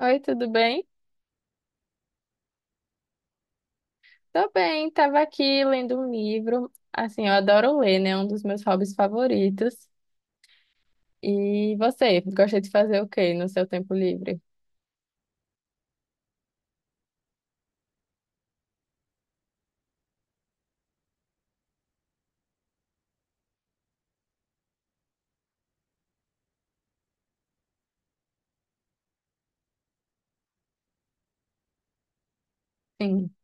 Oi, tudo bem? Tô bem, tava aqui lendo um livro. Assim, eu adoro ler, né? É um dos meus hobbies favoritos. E você, gosta de fazer o quê no seu tempo livre? Sim.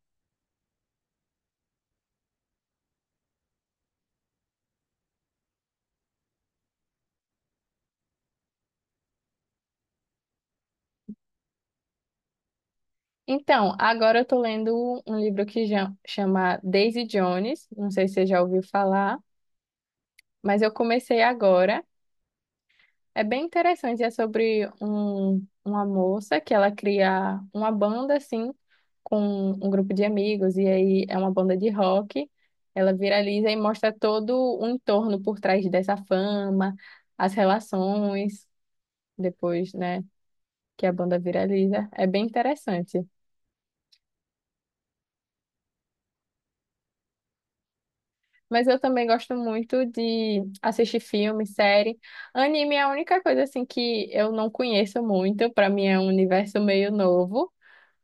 Então, agora eu tô lendo um livro chama Daisy Jones, não sei se você já ouviu falar, mas eu comecei agora. É bem interessante, é sobre uma moça que ela cria uma banda assim com um grupo de amigos e aí é uma banda de rock. Ela viraliza e mostra todo o entorno por trás dessa fama, as relações depois, né, que a banda viraliza. É bem interessante. Mas eu também gosto muito de assistir filme, série. Anime é a única coisa assim que eu não conheço muito, para mim é um universo meio novo.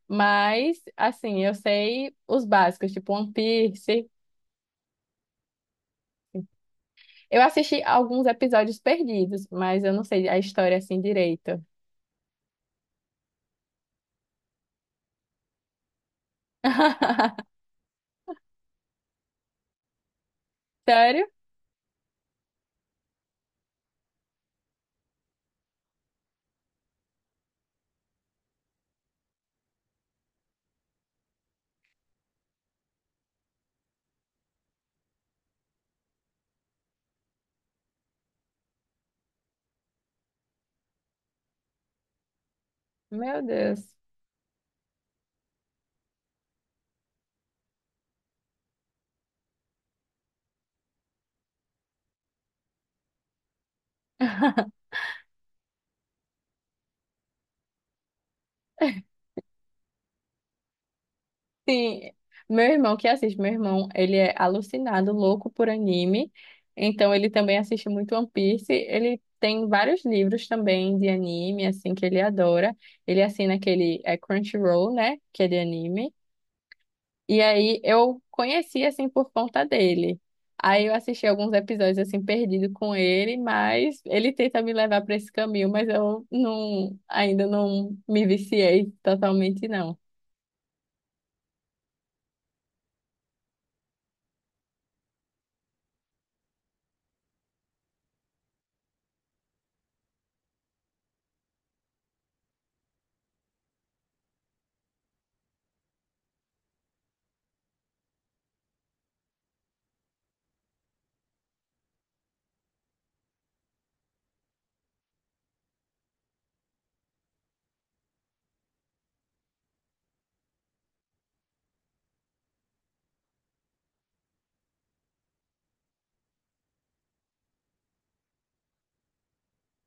Mas, assim, eu sei os básicos, tipo One Piece. Eu assisti alguns episódios perdidos, mas eu não sei a história assim direito. Sério? Meu Deus. Sim, meu irmão que assiste, meu irmão, ele é alucinado, louco por anime. Então, ele também assiste muito One Piece. Ele tem vários livros também de anime, assim, que ele adora. Ele assina aquele é, Crunchyroll, né? Que é de anime. E aí eu conheci assim por conta dele. Aí eu assisti alguns episódios assim perdido com ele, mas ele tenta me levar para esse caminho, mas eu não ainda não me viciei totalmente não.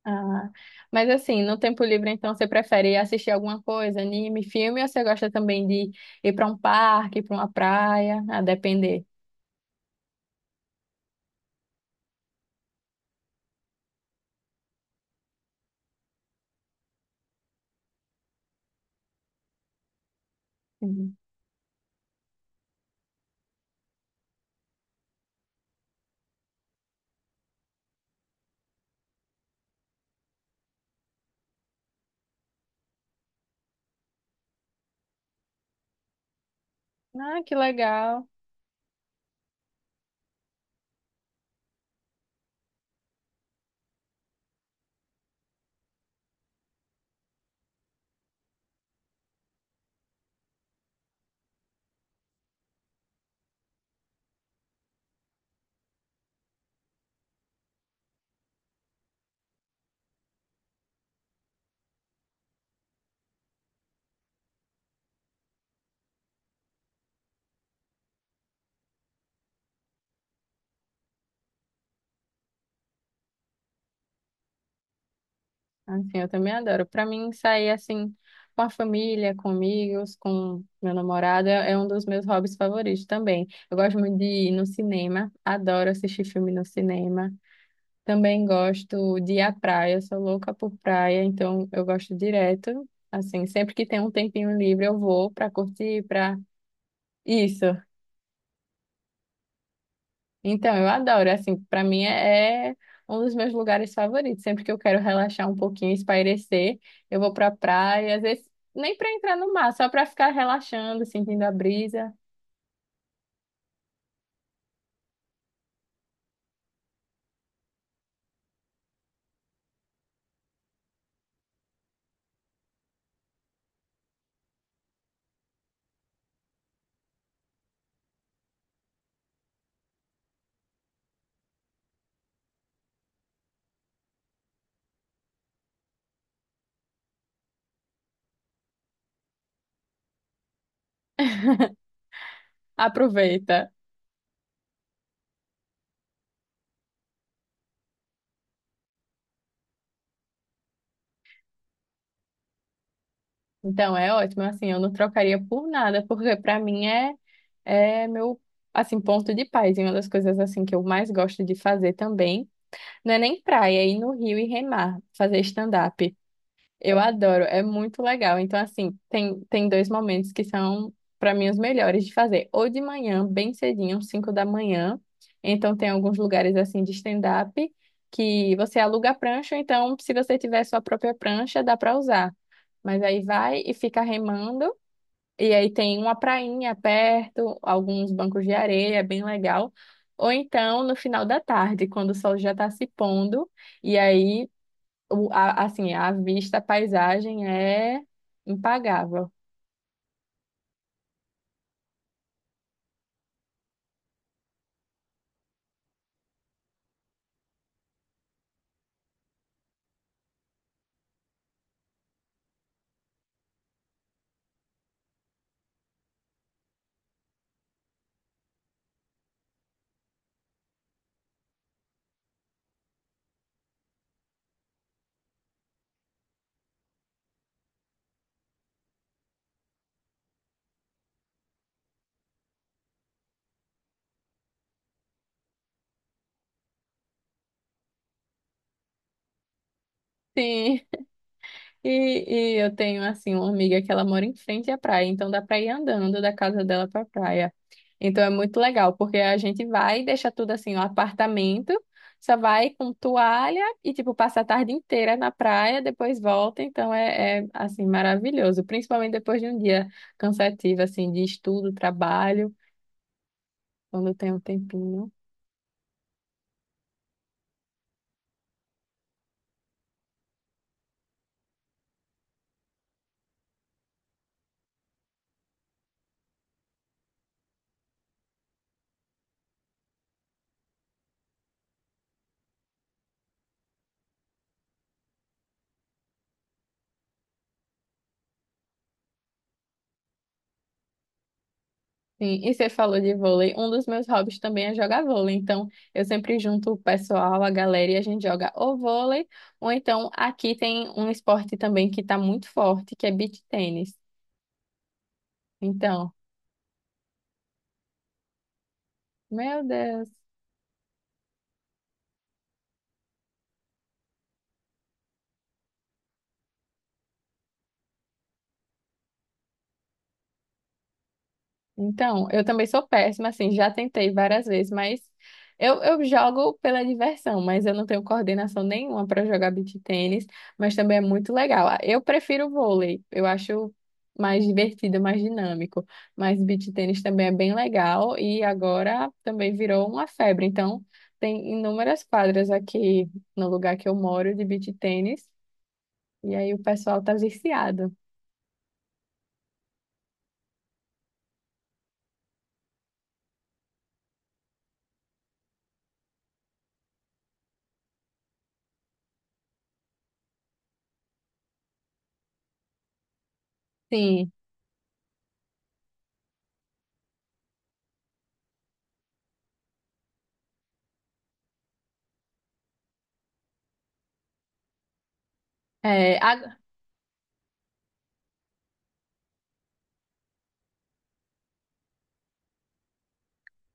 Ah, mas assim, no tempo livre então você prefere assistir alguma coisa, anime, filme, ou você gosta também de ir para um parque, para uma praia, a depender? Uhum. Ah, que legal. Assim, eu também adoro. Para mim, sair assim com a família, com amigos, com meu namorado é um dos meus hobbies favoritos também. Eu gosto muito de ir no cinema, adoro assistir filme no cinema. Também gosto de ir à praia, sou louca por praia, então eu gosto direto. Assim, sempre que tem um tempinho livre, eu vou para curtir, para isso. Então, eu adoro, assim, para mim é um dos meus lugares favoritos. Sempre que eu quero relaxar um pouquinho, espairecer, eu vou pra praia, às vezes nem para entrar no mar, só para ficar relaxando, sentindo a brisa. Aproveita. Então, é ótimo, assim, eu não trocaria por nada, porque para mim é meu assim ponto de paz, e uma das coisas assim que eu mais gosto de fazer também. Não é nem praia, é ir no rio e remar, fazer stand-up. Eu adoro, é muito legal. Então, assim, tem dois momentos que são, para mim, os melhores de fazer. Ou de manhã, bem cedinho, 5 da manhã. Então, tem alguns lugares, assim, de stand-up que você aluga a prancha. Então, se você tiver sua própria prancha, dá para usar. Mas aí vai e fica remando. E aí tem uma prainha perto, alguns bancos de areia, é bem legal. Ou então, no final da tarde, quando o sol já está se pondo. E aí assim, a vista, a paisagem é impagável. Sim, e, e eu tenho, assim, uma amiga que ela mora em frente à praia, então dá para ir andando da casa dela para a praia. Então é muito legal, porque a gente vai e deixa tudo assim, o apartamento, só vai com toalha e, tipo, passa a tarde inteira na praia, depois volta, então é, é assim, maravilhoso, principalmente depois de um dia cansativo, assim, de estudo, trabalho, quando tem um tempinho. Sim, e você falou de vôlei. Um dos meus hobbies também é jogar vôlei. Então, eu sempre junto o pessoal, a galera, e a gente joga ou vôlei, ou então aqui tem um esporte também que está muito forte, que é beach tênis. Então, meu Deus. Então, eu também sou péssima, assim, já tentei várias vezes, mas eu jogo pela diversão, mas eu não tenho coordenação nenhuma para jogar beach tênis, mas também é muito legal. Ah, eu prefiro vôlei, eu acho mais divertido, mais dinâmico, mas beach tênis também é bem legal e agora também virou uma febre. Então, tem inúmeras quadras aqui no lugar que eu moro de beach tênis, e aí o pessoal tá viciado. Sim. É,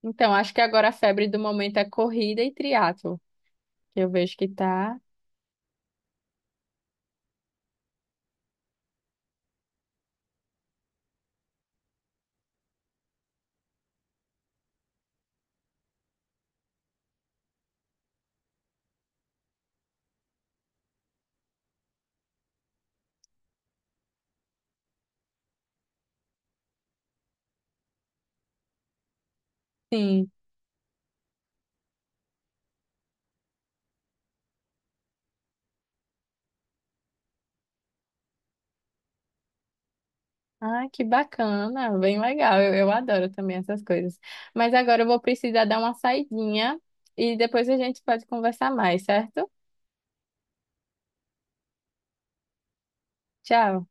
então, acho que agora a febre do momento é corrida e triatlo, que eu vejo que tá, sim. Ah, que bacana, bem legal. Eu adoro também essas coisas. Mas agora eu vou precisar dar uma saidinha e depois a gente pode conversar mais, certo? Tchau.